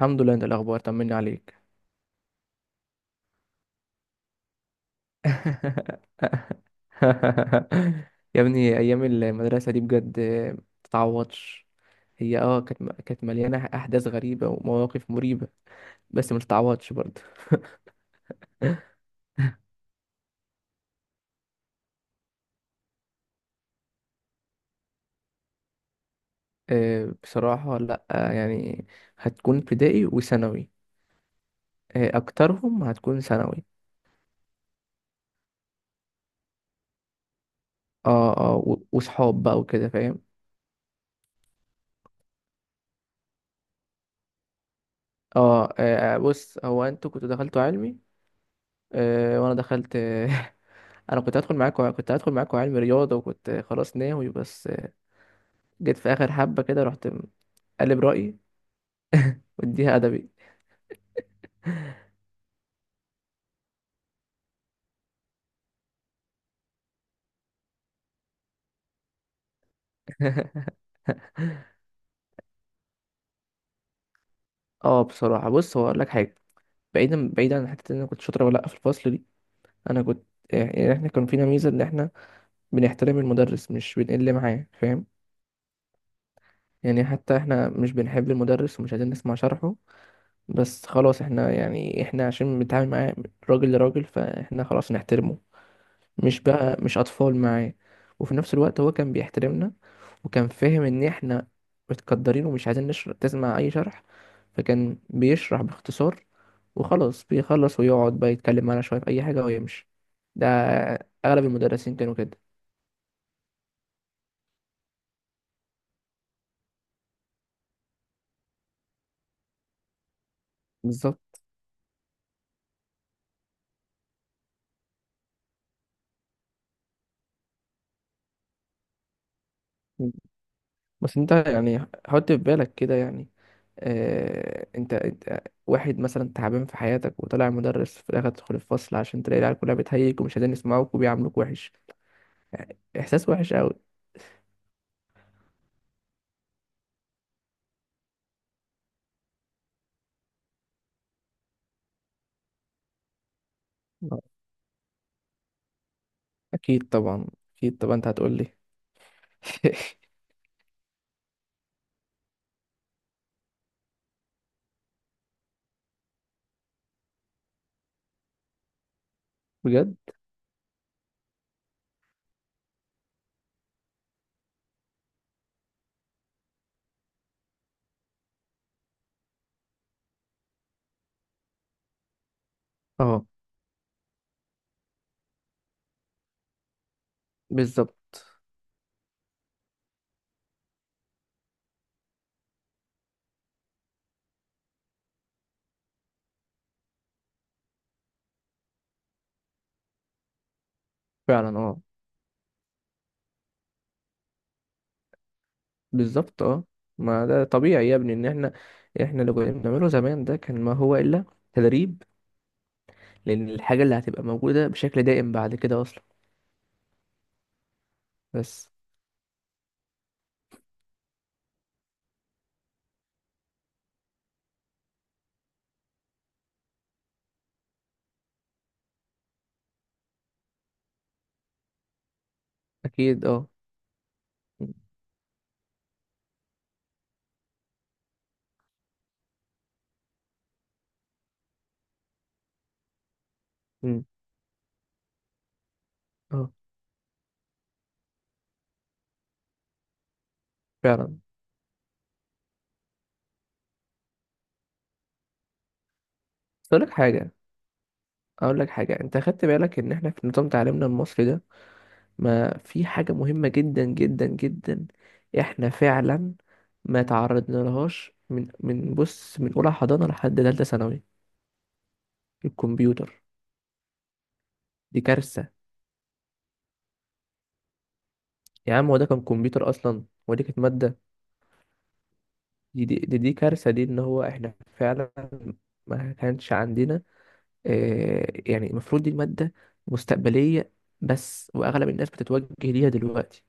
الحمد لله. انت الاخبار، طمني عليك. يا ابني، ايام المدرسه دي بجد متتعوضش. هي كانت مليانه احداث غريبه ومواقف مريبه. بس ما تتعوضش برضه. آه، بصراحه لا، يعني هتكون ابتدائي وثانوي. آه، اكترهم هتكون ثانوي. اه، اه، و- وصحاب بقى وكده فاهم اه آه، بص، هو انتوا كنتوا دخلتوا علمي. آه، وانا دخلت. انا كنت هدخل معاكم علم رياضه، وكنت خلاص ناوي. بس جيت في اخر حبه كده، رحت قلب رايي واديها ادبي. اه، بصراحه بص، هو اقول لك حاجه. بعيدا بعيدا عن حته ان انا كنت شاطر ولا لا في الفصل دي. انا كنت، يعني احنا كان فينا ميزه ان احنا بنحترم المدرس، مش بنقل معاه، فاهم؟ يعني حتى احنا مش بنحب المدرس ومش عايزين نسمع شرحه، بس خلاص احنا، يعني احنا عشان بنتعامل معاه راجل لراجل، فاحنا خلاص نحترمه. مش بقى، مش اطفال معاه. وفي نفس الوقت هو كان بيحترمنا، وكان فاهم ان احنا متقدرين ومش عايزين تسمع اي شرح. فكان بيشرح باختصار وخلاص، بيخلص ويقعد بقى يتكلم معانا شويه في اي حاجه ويمشي. ده اغلب المدرسين كانوا كده. بالظبط. بس انت يعني حط في بالك كده، يعني انت واحد مثلا تعبان في حياتك، وطلع مدرس في الاخر، تدخل الفصل عشان تلاقي العيال كلها بتهيج ومش عايزين يسمعوك وبيعاملوك وحش. احساس وحش قوي. اكيد طبعا، اكيد طبعا انت هتقول لي. بجد، اه، بالظبط، فعلا، اه، بالظبط، اه، ما ده طبيعي يا ابني. ان احنا اللي كنا بنعمله زمان، ده كان ما هو الا تدريب. لان الحاجه اللي هتبقى موجوده بشكل دائم بعد كده اصلا. بس اكيد اه، م- م- اه فعلا. بس اقول لك حاجه، انت خدت بالك ان احنا في نظام تعليمنا المصري ده، ما في حاجة مهمة جدا جدا جدا احنا فعلا ما تعرضنا لهاش، من بص، من اولى حضانة لحد تالتة ثانوي: الكمبيوتر. دي كارثة. يا عم، هو ده كان كمبيوتر اصلا؟ ودي كانت مادة؟ دي كارثة دي، ان هو احنا فعلا ما كانش عندنا. آه، يعني المفروض دي المادة مستقبلية، بس واغلب الناس بتتوجه ليها دلوقتي.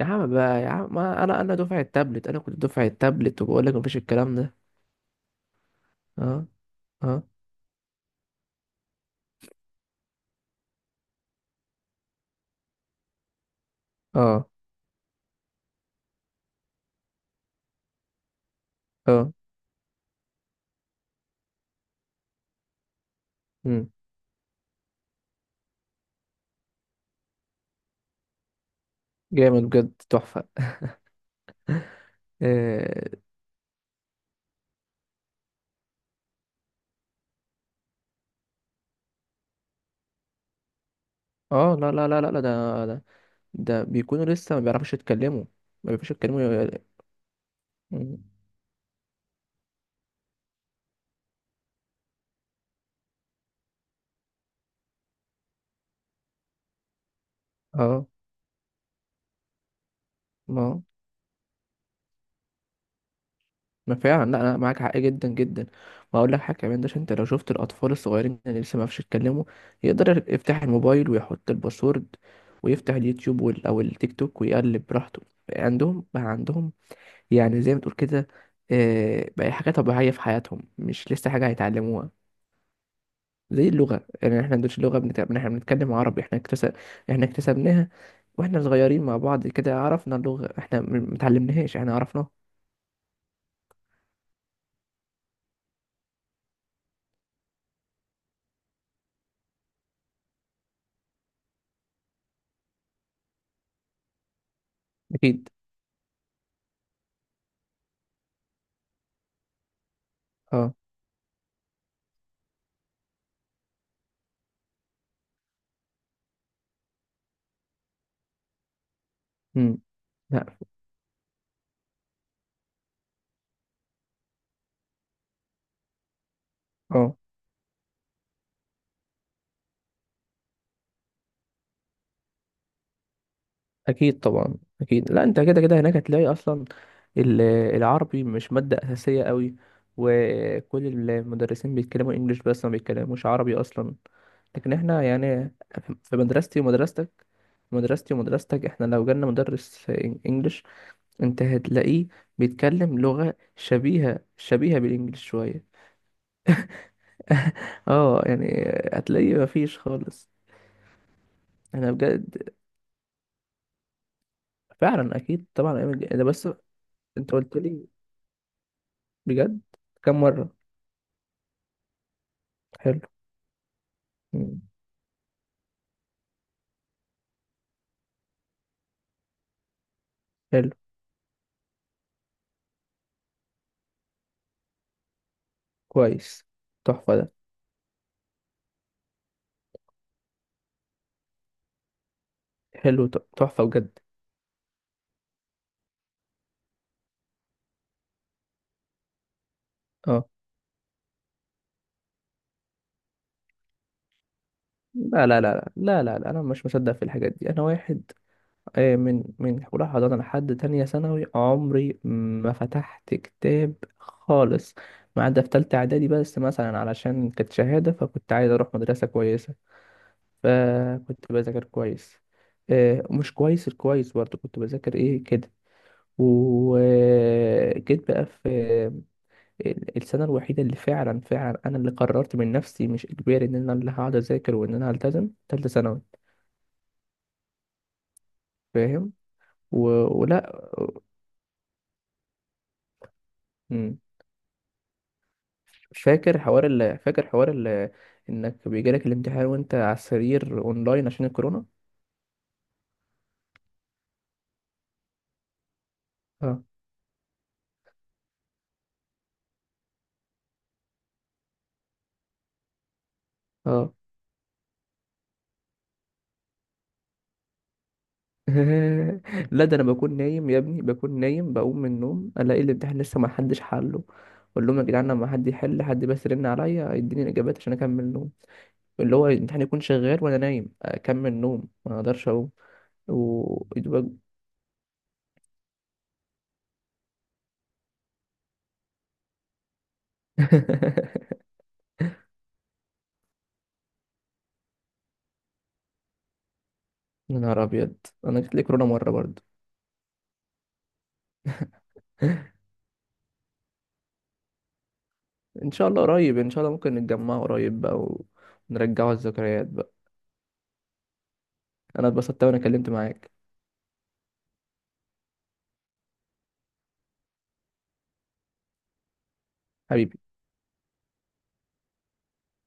يا عم بقى، يا عم، ما انا دفعة تابلت، انا كنت دفعة تابلت، وبقول لك مفيش الكلام ده. اه، اه، اه، اه. مم. جامد بجد، تحفة. اه، آه، لا لا لا لا لا، ده، ده بيكونوا لسه ما بيعرفوش يتكلموا. ما بيعرفوش يتكلموا. مم. اه، ما ما فعلا، لا لا، معاك حق جدا جدا. واقول لك حاجه كمان، ده عشان انت لو شفت الاطفال الصغيرين اللي لسه ما بيعرفوش يتكلموا، يقدر يفتح الموبايل ويحط الباسورد ويفتح اليوتيوب او التيك توك ويقلب براحته. عندهم بقى، عندهم يعني زي ما تقول كده، آه، بقى حاجه طبيعيه في حياتهم، مش لسه حاجه هيتعلموها. زي اللغة يعني، احنا ما عندناش لغة بنتعب، احنا بنتكلم عربي. احنا اكتسبناها واحنا صغيرين مع بعض كده. عرفنا اللغة، احنا متعلمناهاش، احنا عرفناها. اكيد، اه، امم، لا، اه، اكيد طبعا. اكيد، لا انت كده كده هناك هتلاقي اصلا ال- العربي مش مادة اساسية قوي، وكل المدرسين بيتكلموا انجليش، بس ما بيتكلموش عربي اصلا. لكن احنا يعني، في مدرستي ومدرستك، مدرستي ومدرستك، احنا لو جالنا مدرس انجليش، انت هتلاقيه بيتكلم لغة شبيهة، شبيهة بالانجليش شوية. اه يعني، هتلاقيه مفيش خالص. انا بجد، فعلا اكيد طبعا، أيام ده بس. انت قلت لي بجد كم مرة. حلو. مم. حلو. كويس، تحفة ده. حلو، تحفة بجد. اه، لا لا لا لا لا لا لا، انا مش مصدق في الحاجات دي. انا واحد، آه، من أولى حضانة لحد تانية ثانوي عمري ما فتحت كتاب خالص، ما عدا في تالتة إعدادي بس، مثلا علشان كانت شهادة فكنت عايز أروح مدرسة كويسة، فكنت بذاكر كويس. آه، مش كويس الكويس، برضه كنت بذاكر إيه كده. وجيت بقى في السنة الوحيدة اللي فعلا فعلا أنا اللي قررت من نفسي، مش إجباري، إن أنا اللي هقعد أذاكر، وإن أنا هلتزم، تالتة ثانوي. فاهم؟ و... ولا. مم. فاكر حوار ال... فاكر حوار ال... انك بيجيلك الامتحان وانت على السرير اونلاين عشان الكورونا؟ اه، اه. لا ده انا بكون نايم يا ابني، بكون نايم، بقوم من النوم الاقي الامتحان لسه ما حدش حله. اقول لهم يا جدعان، لما حد يحل، حد بس يرن عليا يديني الاجابات عشان اكمل نوم. اللي هو الامتحان يكون شغال وانا نايم، اكمل نوم ما اقدرش اقوم. و. يا نهار ابيض، انا جات لي كورونا مره برضه. ان شاء الله قريب، ان شاء الله ممكن نتجمع قريب بقى، ونرجعوا الذكريات بقى. انا اتبسطت وانا كلمت معاك. حبيبي.